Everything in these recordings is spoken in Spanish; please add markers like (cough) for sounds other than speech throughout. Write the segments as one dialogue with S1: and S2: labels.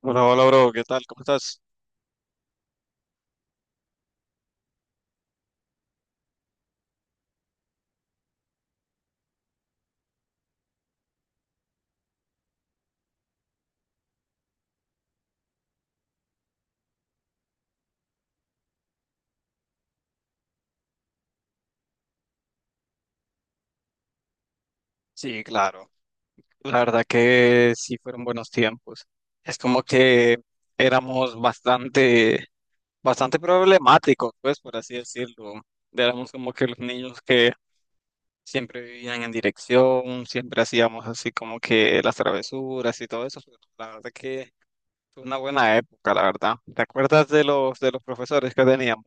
S1: Hola, hola, bro, ¿qué tal? ¿Cómo estás? Sí, claro. La verdad que sí fueron buenos tiempos. Es como que éramos bastante, bastante problemáticos, pues, por así decirlo. Éramos como que los niños que siempre vivían en dirección, siempre hacíamos así como que las travesuras y todo eso. La verdad que fue una buena época, la verdad. ¿Te acuerdas de los profesores que teníamos?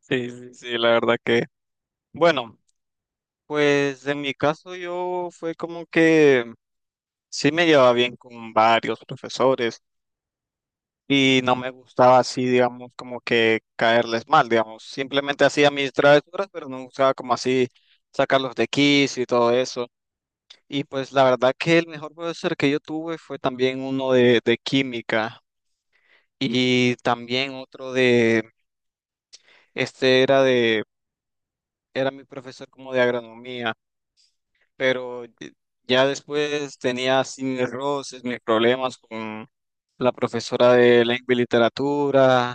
S1: Sí, sí, sí, la verdad que. Bueno, pues en mi caso yo fue como que sí me llevaba bien con varios profesores y no me gustaba así, digamos, como que caerles mal, digamos. Simplemente hacía mis travesuras, pero no me gustaba como así sacarlos de quicio y todo eso. Y pues la verdad que el mejor profesor que yo tuve fue también uno de química y también otro de, este era de, era mi profesor como de agronomía. Pero ya después tenía así mis roces, mis problemas con la profesora de lengua y literatura,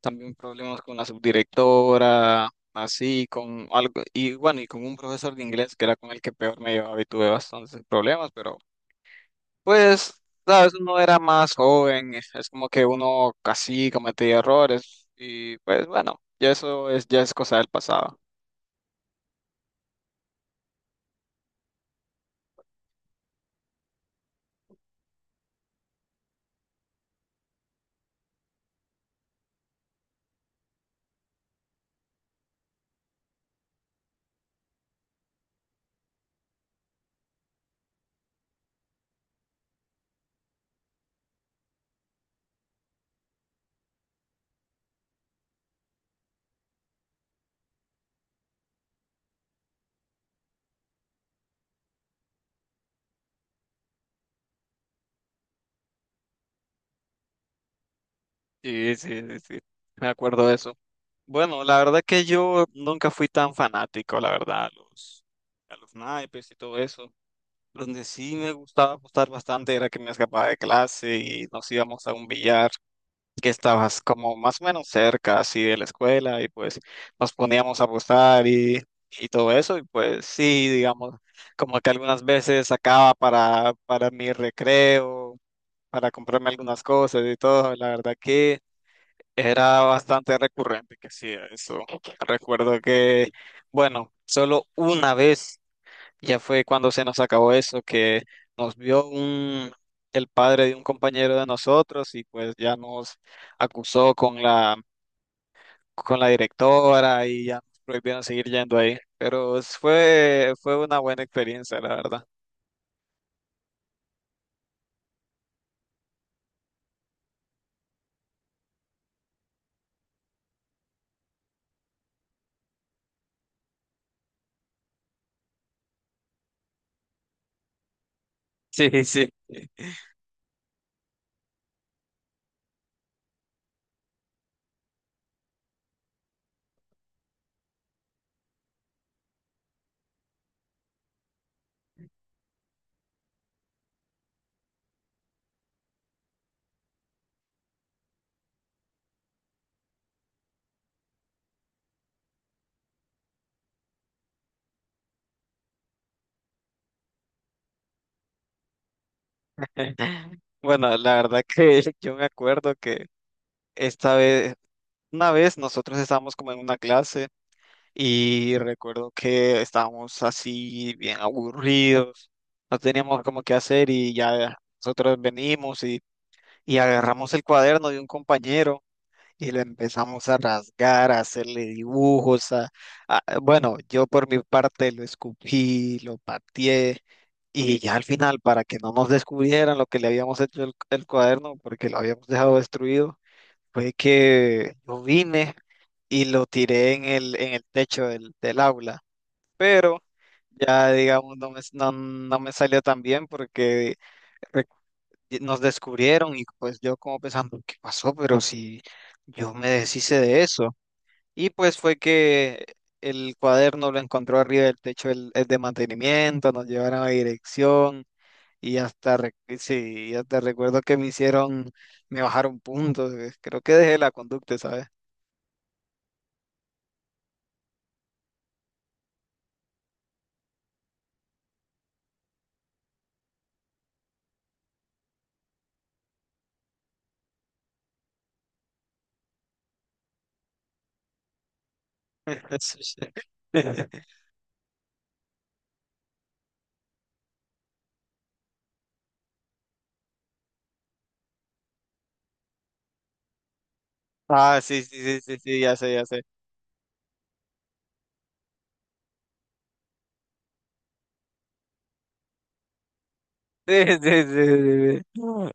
S1: también problemas con la subdirectora, así, con algo, y bueno, y con un profesor de inglés que era con el que peor me llevaba y tuve bastantes problemas, pero pues, sabes, uno era más joven, es como que uno casi cometía errores, y pues bueno, ya eso es, ya es cosa del pasado. Sí, sí, sí, sí, me acuerdo de eso. Bueno, la verdad que yo nunca fui tan fanático, la verdad, a los naipes y todo eso. Donde sí me gustaba apostar bastante era que me escapaba de clase y nos íbamos a un billar que estabas como más o menos cerca así de la escuela y pues nos poníamos a apostar y todo eso y pues sí, digamos, como que algunas veces sacaba para mi recreo, para comprarme algunas cosas y todo, la verdad que... Era bastante recurrente que hacía eso. Recuerdo que, bueno, solo una vez, ya fue cuando se nos acabó eso, que nos vio un, el padre de un compañero de nosotros y pues ya nos acusó con la directora y ya nos prohibieron seguir yendo ahí. Fue, fue una buena experiencia, la verdad. Sí, sí. (laughs) Bueno, la verdad (laughs) que yo me acuerdo que esta vez, una vez nosotros estábamos como en una clase. Y recuerdo que estábamos así bien aburridos, no teníamos como qué hacer y ya nosotros venimos y agarramos el cuaderno de un compañero y lo empezamos a rasgar, a hacerle dibujos, a, bueno, yo por mi parte lo escupí, lo pateé y ya al final para que no nos descubrieran lo que le habíamos hecho el cuaderno porque lo habíamos dejado destruido fue que yo vine y lo tiré en el techo del aula, pero ya digamos no me salió tan bien porque re- nos descubrieron y pues yo como pensando, ¿qué pasó? Pero si yo me deshice de eso. Y pues fue que el cuaderno lo encontró arriba del techo el de mantenimiento, nos llevaron a dirección y hasta, sí, y hasta recuerdo que me hicieron, me bajaron puntos, creo que dejé la conducta, ¿sabes? (laughs) Sí, sí. (laughs) Ah, sí, sí, sí, sí, sí, ya sé, ya sé. (laughs) Sí, sí, sí, sí, sí.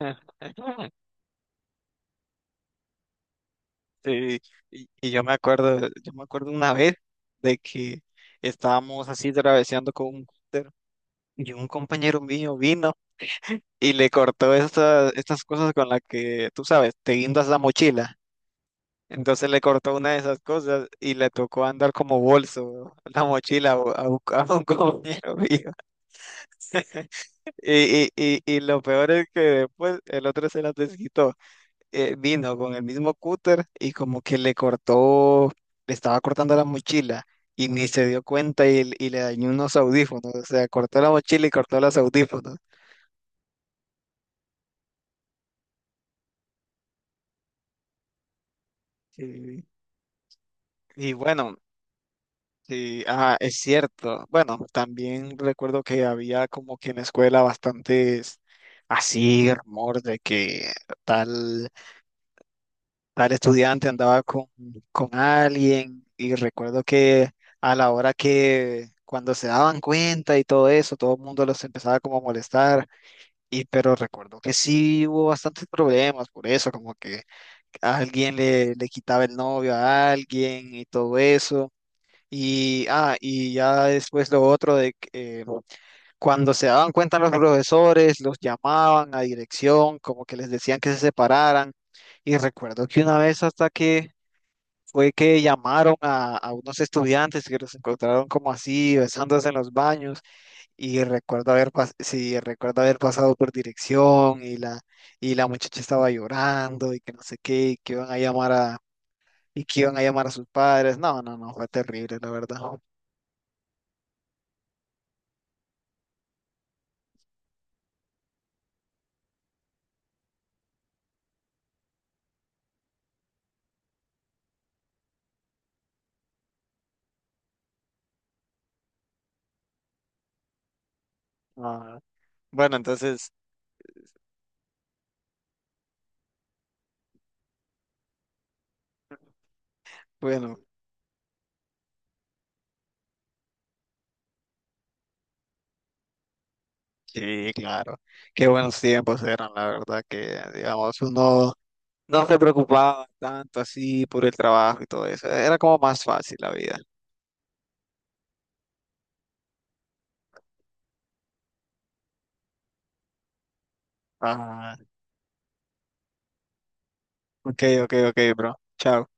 S1: (laughs) Sí, y yo me acuerdo, yo me acuerdo una vez de que estábamos así traveseando con un cúter y un compañero mío vino y le cortó estas, estas cosas con las que, tú sabes, te guindas la mochila. Entonces le cortó una de esas cosas y le tocó andar como bolso la mochila a un compañero mío. (laughs) Y lo peor es que después el otro se las desquitó. Vino con el mismo cúter y como que le cortó, le estaba cortando la mochila y ni se dio cuenta y le dañó unos audífonos. O sea, cortó la mochila y cortó los audífonos. Sí. Y bueno, sí, ajá, es cierto. Bueno, también recuerdo que había como que en la escuela bastantes así rumor de que tal. Tal estudiante andaba con alguien y recuerdo que a la hora que cuando se daban cuenta y todo eso, todo el mundo los empezaba como a molestar pero recuerdo que sí hubo bastantes problemas por eso, como que alguien le, le quitaba el novio a alguien y todo eso. Y, ah, y ya después lo otro de que cuando se daban cuenta los profesores, los llamaban a dirección, como que les decían que se separaran. Y recuerdo que una vez hasta que fue que llamaron a unos estudiantes que los encontraron como así, besándose en los baños, y recuerdo sí, recuerdo haber pasado por dirección y la muchacha estaba llorando y que no sé qué, y que iban a y que iban a llamar a sus padres. No, no, no, fue terrible, la verdad. Ah, bueno, entonces, bueno, sí, claro, qué buenos tiempos eran, la verdad, que digamos, uno no se preocupaba tanto así por el trabajo y todo eso, era como más fácil la vida. Ah, ok, ok, ok, bro. Chao.